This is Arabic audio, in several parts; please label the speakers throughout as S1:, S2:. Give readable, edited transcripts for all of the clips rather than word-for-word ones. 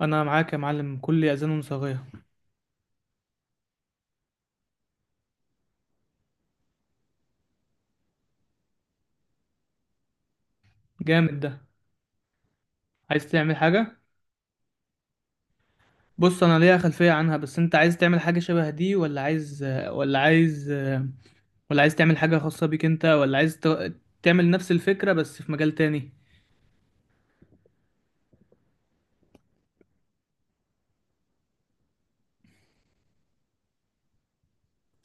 S1: انا معاك يا معلم، كل اذان صاغية. جامد ده. عايز تعمل حاجة؟ بص، انا ليا خلفية عنها بس انت عايز تعمل حاجة شبه دي ولا عايز ولا عايز تعمل حاجة خاصة بيك انت، تعمل نفس الفكرة بس في مجال تاني؟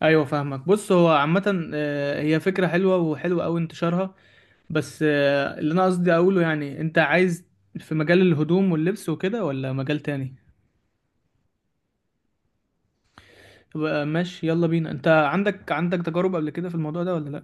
S1: ايوه فاهمك. بص، هو عامة هي فكرة حلوة، وحلوة اوي انتشارها. بس اللي انا قصدي اقوله يعني انت عايز في مجال الهدوم واللبس وكده ولا مجال تاني؟ يبقى ماشي، يلا بينا. انت عندك تجارب قبل كده في الموضوع ده ولا لا؟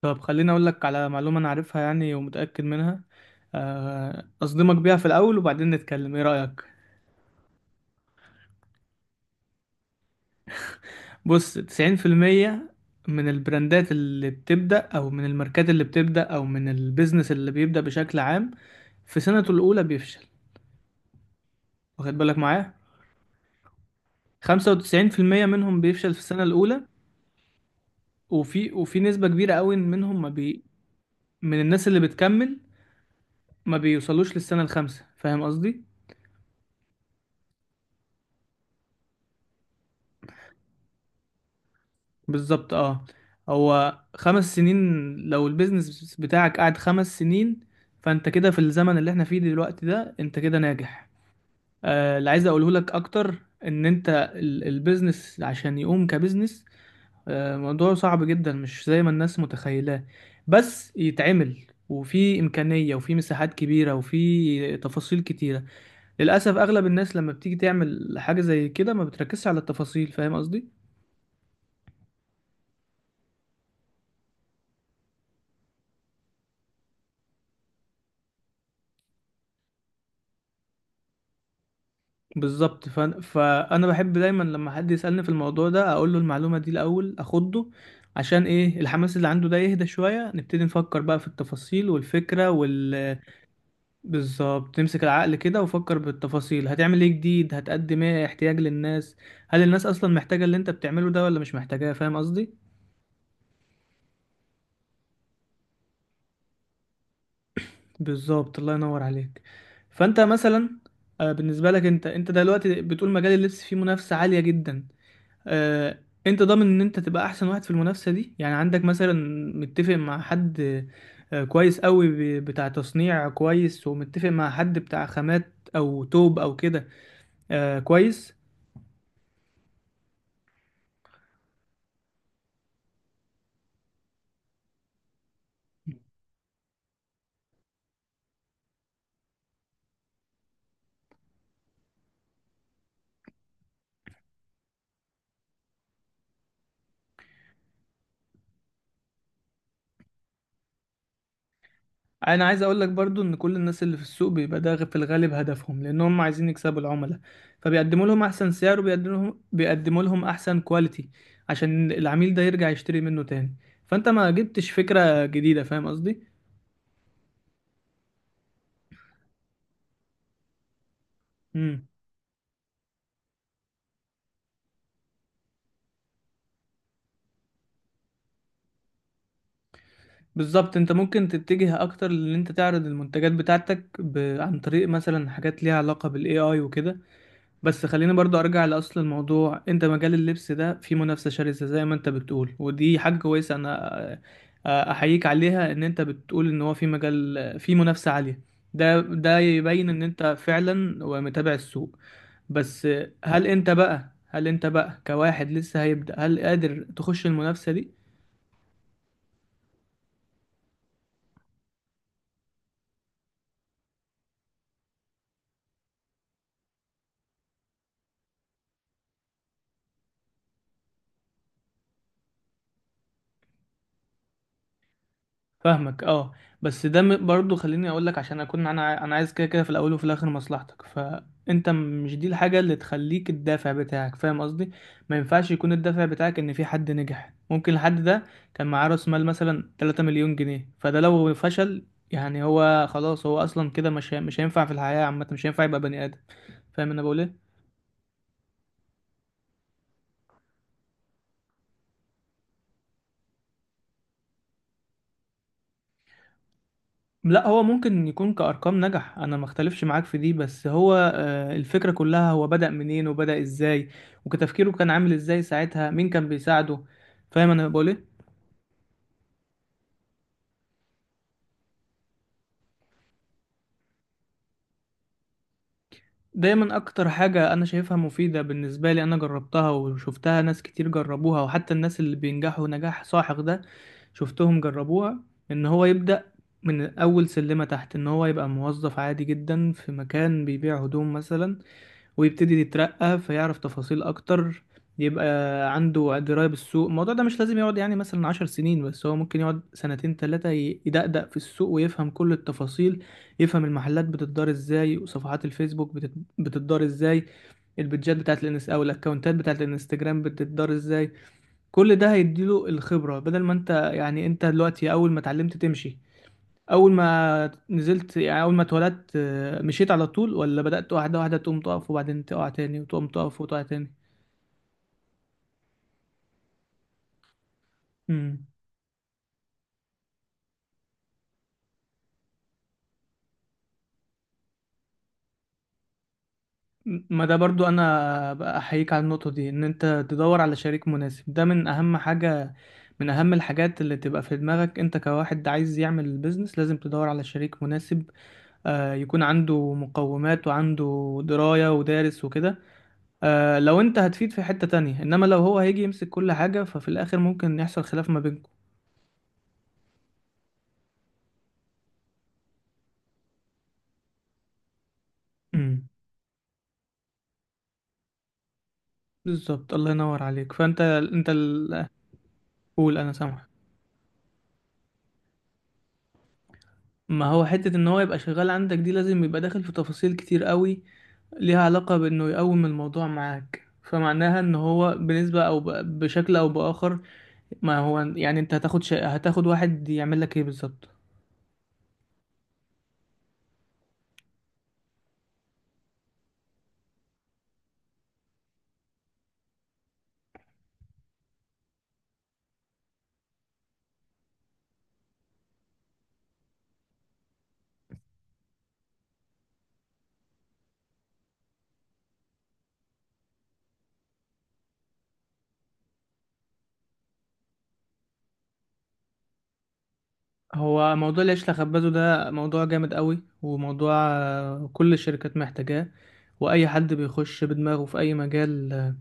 S1: طب خليني اقول لك على معلومة انا عارفها يعني ومتأكد منها. اصدمك بيها في الاول وبعدين نتكلم، ايه رأيك؟ بص، 90% من البراندات اللي بتبدأ او من الماركات اللي بتبدأ او من البيزنس اللي بيبدأ بشكل عام، في سنته الاولى بيفشل. واخد بالك معايا. 95% منهم بيفشل في السنة الاولى. وفي نسبة كبيرة قوي منهم ما بي من الناس اللي بتكمل ما بيوصلوش للسنة الخامسة، فاهم قصدي؟ بالظبط. اه. هو 5 سنين، لو البيزنس بتاعك قعد 5 سنين، فانت كده في الزمن اللي احنا فيه دلوقتي ده انت كده ناجح. اللي عايز اقوله لك اكتر ان انت، البيزنس عشان يقوم كبيزنس موضوع صعب جدا، مش زي ما الناس متخيلاه. بس يتعمل، وفي امكانية وفي مساحات كبيرة وفي تفاصيل كتيرة. للاسف اغلب الناس لما بتيجي تعمل حاجة زي كده ما بتركزش على التفاصيل، فاهم قصدي؟ بالظبط. فانا بحب دايما لما حد يسالني في الموضوع ده اقول له المعلومه دي الاول، اخده عشان ايه؟ الحماس اللي عنده ده يهدى شويه، نبتدي نفكر بقى في التفاصيل والفكره وال... بالظبط، تمسك العقل كده وفكر بالتفاصيل. هتعمل ايه جديد؟ هتقدم ايه احتياج للناس؟ هل الناس اصلا محتاجه اللي انت بتعمله ده ولا مش محتاجاه، فاهم قصدي؟ بالظبط، الله ينور عليك. فانت مثلا بالنسبه لك، انت دلوقتي بتقول مجال اللبس فيه منافسه عاليه جدا. آه، انت ضامن ان انت تبقى احسن واحد في المنافسه دي؟ يعني عندك مثلا متفق مع حد كويس قوي، بتاع تصنيع كويس، ومتفق مع حد بتاع خامات او توب او كده كويس؟ انا عايز اقول لك برضو ان كل الناس اللي في السوق بيبقى ده في الغالب هدفهم، لان هم عايزين يكسبوا العملاء، فبيقدموا لهم احسن سعر، وبيقدموا لهم احسن كواليتي عشان العميل ده يرجع يشتري منه تاني. فانت ما جبتش فكره جديده، فاهم قصدي؟ بالظبط. انت ممكن تتجه اكتر لان انت تعرض المنتجات بتاعتك عن طريق مثلا حاجات ليها علاقة بالاي اي وكده. بس خلينا برضو ارجع لاصل الموضوع. انت مجال اللبس ده فيه منافسة شرسة زي ما انت بتقول، ودي حاجة كويسة. انا احييك عليها ان انت بتقول ان هو في مجال في منافسة عالية. ده يبين ان انت فعلا ومتابع السوق. بس هل انت بقى كواحد لسه هيبدأ، هل قادر تخش المنافسة دي؟ فاهمك. اه. بس ده برضو خليني اقول لك عشان اكون انا عايز كده كده في الاول وفي الاخر مصلحتك. فانت مش دي الحاجه اللي تخليك الدافع بتاعك، فاهم قصدي؟ ما ينفعش يكون الدافع بتاعك ان في حد نجح. ممكن الحد ده كان معاه راس مال مثلا 3 مليون جنيه، فده لو فشل يعني هو خلاص، هو اصلا كده مش هينفع في الحياه عامه، مش هينفع يبقى بني ادم؟ فاهم انا بقول ايه. لا، هو ممكن يكون كأرقام نجح، انا ما اختلفش معاك في دي، بس هو الفكرة كلها هو بدأ منين وبدأ ازاي، وكتفكيره كان عامل ازاي ساعتها، مين كان بيساعده؟ فاهم انا بقول ايه. دايما اكتر حاجة انا شايفها مفيدة بالنسبة لي، انا جربتها وشفتها ناس كتير جربوها، وحتى الناس اللي بينجحوا نجاح ساحق ده شفتهم جربوها، ان هو يبدأ من اول سلمة تحت، ان هو يبقى موظف عادي جدا في مكان بيبيع هدوم مثلا، ويبتدي يترقى، فيعرف تفاصيل اكتر، يبقى عنده دراية بالسوق. الموضوع ده مش لازم يقعد يعني مثلا 10 سنين، بس هو ممكن يقعد سنتين تلاتة يدقدق في السوق ويفهم كل التفاصيل. يفهم المحلات بتدار ازاي، وصفحات الفيسبوك بتدار ازاي، البيدجات بتاعت الانس او الاكونتات بتاعت الانستجرام بتدار ازاي. كل ده هيديله الخبرة، بدل ما انت، يعني انت دلوقتي اول ما اتعلمت تمشي، اول ما نزلت، يعني اول ما اتولدت، مشيت على طول، ولا بدأت واحده واحده تقوم تقف وبعدين تقع تاني، وتقوم تقف وتقع تاني؟ امم. ما ده برضو انا بقى احييك على النقطه دي، ان انت تدور على شريك مناسب ده من اهم حاجه. من اهم الحاجات اللي تبقى في دماغك انت كواحد عايز يعمل بيزنس، لازم تدور على شريك مناسب يكون عنده مقومات وعنده درايه ودارس وكده، لو انت هتفيد في حته تانية، انما لو هو هيجي يمسك كل حاجه، ففي الاخر ممكن يحصل خلاف ما بينكم. بالظبط، الله ينور عليك. فانت قول، انا سامعك. ما هو حتة ان هو يبقى شغال عندك دي لازم يبقى داخل في تفاصيل كتير قوي، ليها علاقة بانه يقوم الموضوع معاك، فمعناها ان هو بنسبة او بشكل او باخر. ما هو يعني انت هتاخد واحد يعمل لك ايه بالظبط؟ هو موضوع العيش لخبازه ده موضوع جامد قوي، وموضوع كل الشركات محتاجاه. واي حد بيخش بدماغه في اي مجال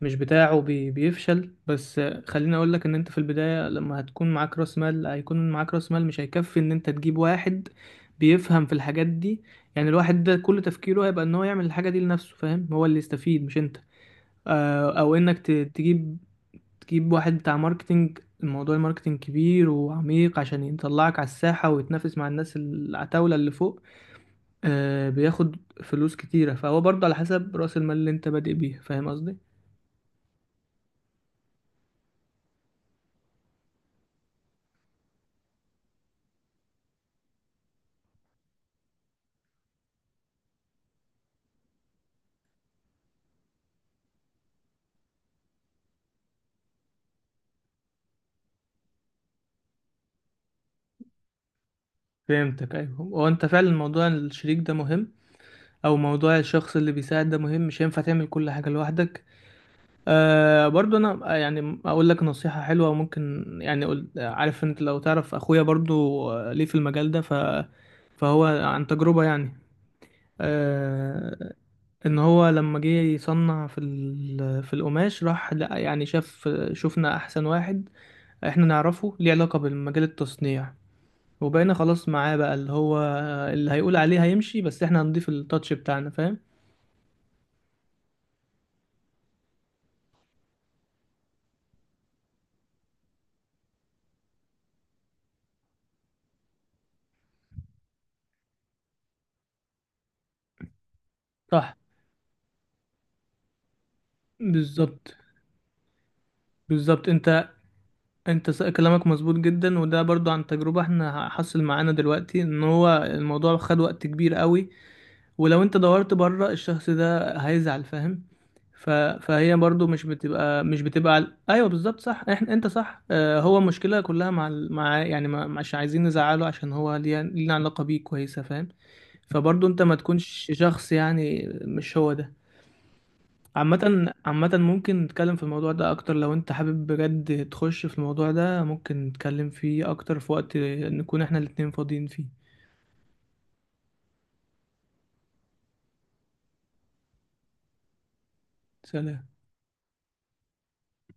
S1: مش بتاعه بيفشل. بس خليني اقول لك ان انت في البداية لما هتكون معاك راس مال، هيكون معاك راس مال مش هيكفي ان انت تجيب واحد بيفهم في الحاجات دي. يعني الواحد ده كل تفكيره هيبقى ان هو يعمل الحاجة دي لنفسه، فاهم؟ هو اللي يستفيد مش انت. او انك تجيب واحد بتاع ماركتينج. الموضوع الماركتينج كبير وعميق عشان يطلعك على الساحة ويتنافس مع الناس العتاولة اللي فوق، بياخد فلوس كتيرة. فهو برضه على حسب راس المال اللي انت بادئ بيه، فاهم قصدي؟ فهمتك. ايوه، هو انت فعلا موضوع الشريك ده مهم، او موضوع الشخص اللي بيساعد ده مهم، مش هينفع تعمل كل حاجه لوحدك. برضو انا يعني اقول لك نصيحه حلوه، ممكن يعني أقول، عارف انت، لو تعرف اخويا برضو ليه في المجال ده فهو عن تجربه يعني. آه ان هو لما جه يصنع في القماش، راح لقى، يعني شفنا احسن واحد احنا نعرفه ليه علاقه بالمجال التصنيع، وبقينا خلاص معاه بقى، اللي هو اللي هيقول عليه هيمشي، بس احنا هنضيف التاتش بتاعنا، فاهم؟ صح. بالظبط، بالظبط، انت كلامك مظبوط جدا، وده برضو عن تجربة. احنا حصل معانا دلوقتي ان هو الموضوع خد وقت كبير قوي، ولو انت دورت بره الشخص ده هيزعل، فاهم؟ فهي برضو مش بتبقى ايوه، بالظبط، صح. احنا، صح. اه، هو المشكلة كلها مع مع يعني ما... مش عايزين نزعله عشان هو ليه علاقة بيه كويسة، فاهم؟ فبرضه انت ما تكونش شخص، يعني مش هو ده. عامة عامة ممكن نتكلم في الموضوع ده اكتر، لو انت حابب بجد تخش في الموضوع ده ممكن نتكلم فيه اكتر في وقت نكون احنا الاتنين فاضيين فيه. سلام.